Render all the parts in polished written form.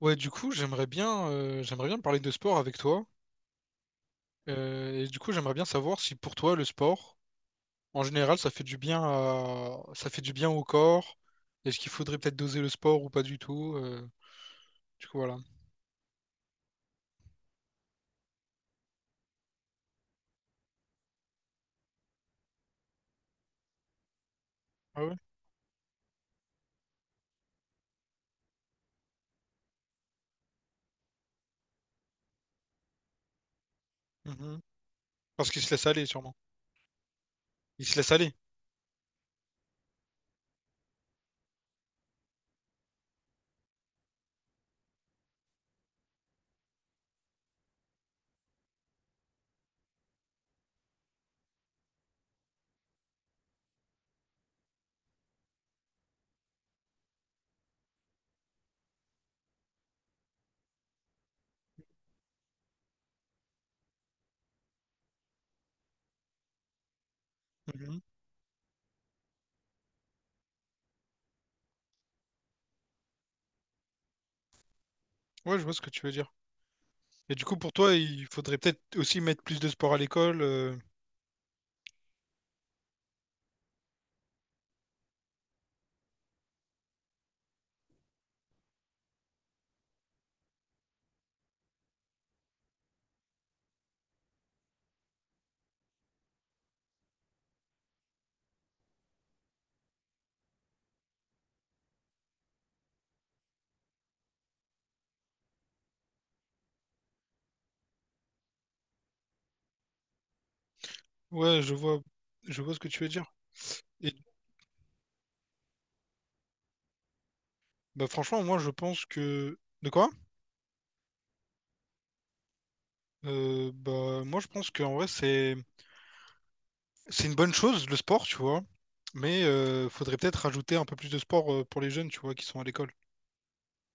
Ouais, du coup, j'aimerais bien parler de sport avec toi. Et du coup, j'aimerais bien savoir si pour toi, le sport, en général, ça fait du bien au corps. Est-ce qu'il faudrait peut-être doser le sport ou pas du tout? Du coup, voilà. Ah ouais? Mhm. Parce qu'il se laisse aller, sûrement. Il se laisse aller. Mhm. Ouais, je vois ce que tu veux dire. Et du coup, pour toi, il faudrait peut-être aussi mettre plus de sport à l'école. Ouais, je vois ce que tu veux dire. Et bah, franchement, moi, je pense que... De quoi? Bah, moi, je pense qu'en vrai, c'est... C'est une bonne chose, le sport, tu vois. Mais faudrait peut-être rajouter un peu plus de sport pour les jeunes, tu vois, qui sont à l'école.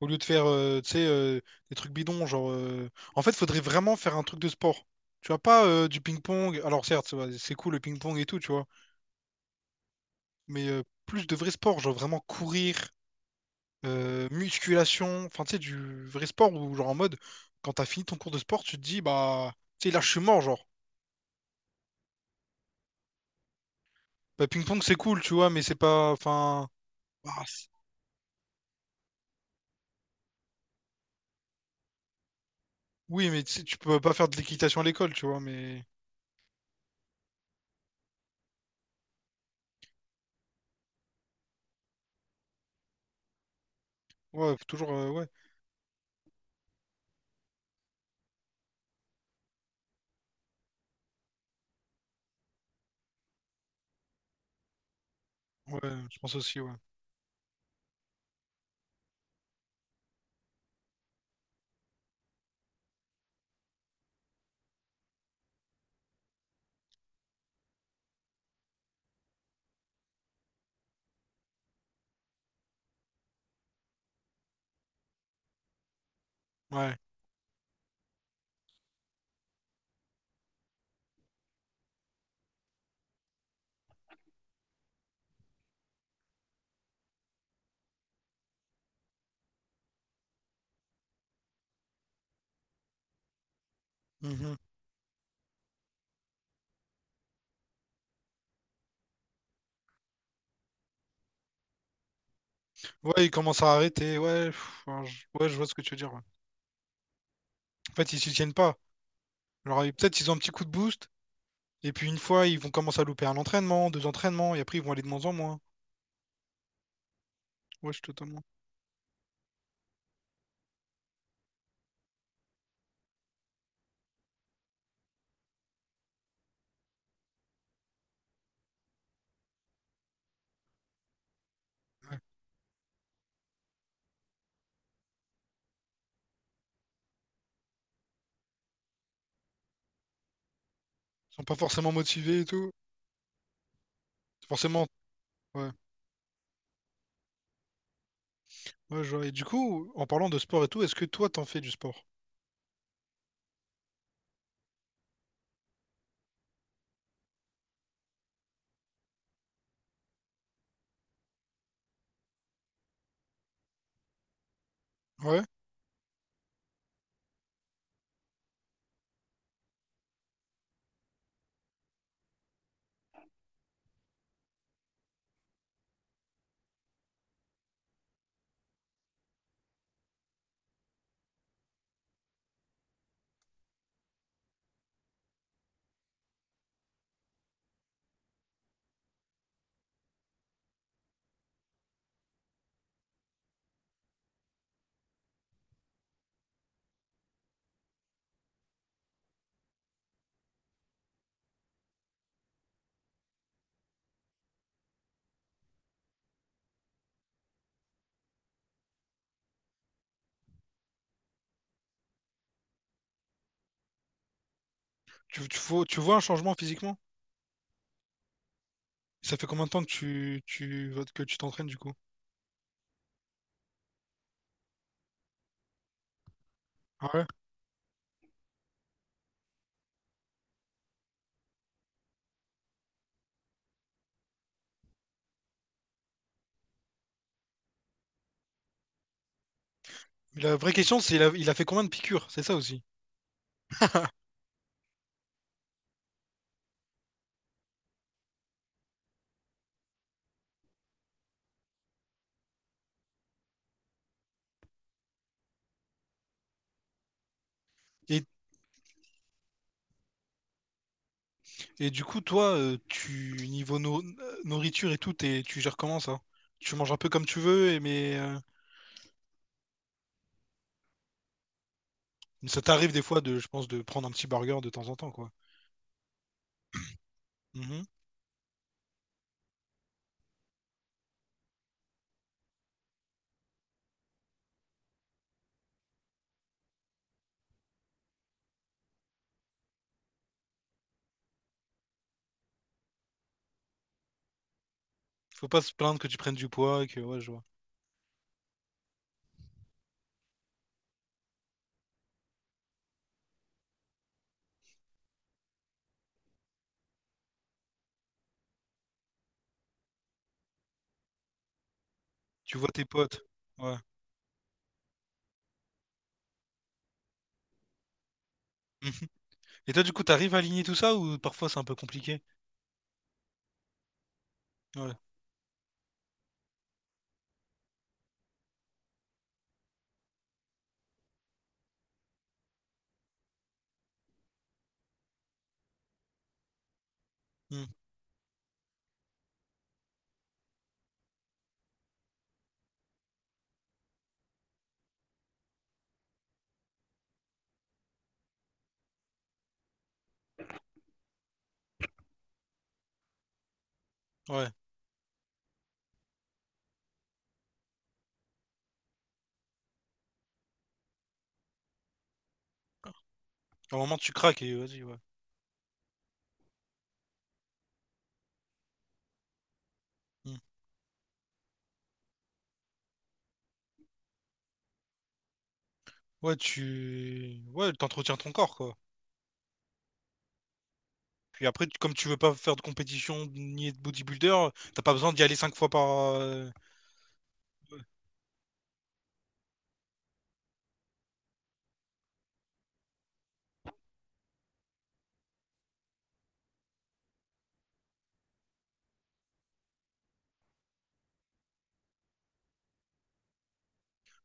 Au lieu de faire, tu sais, des trucs bidons, genre... En fait, faudrait vraiment faire un truc de sport. Tu vois, pas du ping-pong. Alors certes, ça va, c'est cool le ping-pong et tout, tu vois. Mais plus de vrai sport, genre vraiment courir, musculation. Enfin, tu sais, du vrai sport où, genre en mode, quand t'as fini ton cours de sport, tu te dis, bah, tu sais, là, je suis mort, genre. Bah, ping-pong, c'est cool, tu vois, mais c'est pas... Enfin... bah, oui, mais tu sais, tu peux pas faire de l'équitation à l'école, tu vois, mais ouais, faut toujours, ouais, ouais, je pense aussi, ouais. Ouais. Mhm. Ouais, ils commencent à arrêter, ouais, pff, alors, ouais, je vois ce que tu veux dire, ouais. En fait, ils s'y tiennent pas. Alors, et peut-être ils ont un petit coup de boost, et puis une fois, ils vont commencer à louper un entraînement, deux entraînements, et après, ils vont aller de moins en moins. Ouais, je suis totalement. Ouais. Ils sont pas forcément motivés et tout. Forcément, ouais. Ouais, je vois. Et du coup, en parlant de sport et tout, est-ce que toi, t'en fais du sport? Ouais. Tu vois un changement physiquement? Ça fait combien de temps que tu t'entraînes, du coup? Ah ouais. La vraie question, c'est il a fait combien de piqûres? C'est ça aussi. Et, et du coup, toi, tu niveau nourriture et tout, tu gères comment ça? Tu manges un peu comme tu veux, mais ça t'arrive des fois de, je pense, de prendre un petit burger de temps en temps, quoi. Mhm. Faut pas se plaindre que tu prennes du poids, et que ouais, je vois. Tu vois tes potes. Ouais. Mhm. Et toi, du coup, t'arrives à aligner tout ça ou parfois c'est un peu compliqué? Ouais. Mhm. Ouais. À un moment, tu craques et vas-y, ouais. Mhm. Ouais, t'entretiens ton corps, quoi. Puis après, comme tu veux pas faire de compétition ni de bodybuilder, t'as pas besoin d'y aller 5 fois par. euh, ouais.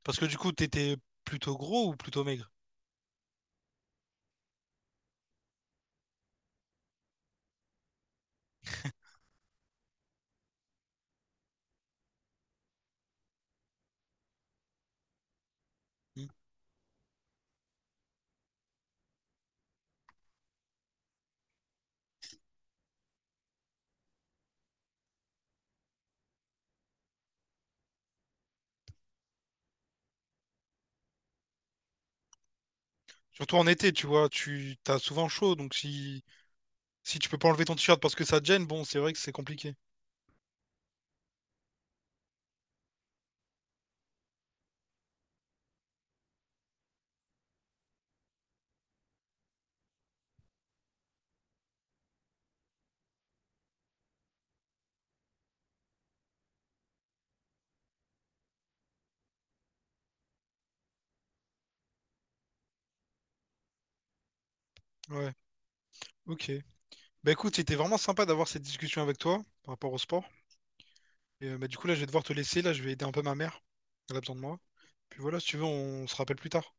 Parce que du coup, t'étais plutôt gros ou plutôt maigre? Hmm. Surtout en été, tu vois, tu t'as souvent chaud, donc si si tu peux pas enlever ton t-shirt parce que ça te gêne, bon, c'est vrai que c'est compliqué. Ouais, ok. Bah écoute, c'était vraiment sympa d'avoir cette discussion avec toi par rapport au sport. Et bah, du coup, là, je vais devoir te laisser. Là, je vais aider un peu ma mère. Elle a besoin de moi. Puis voilà, si tu veux, on se rappelle plus tard.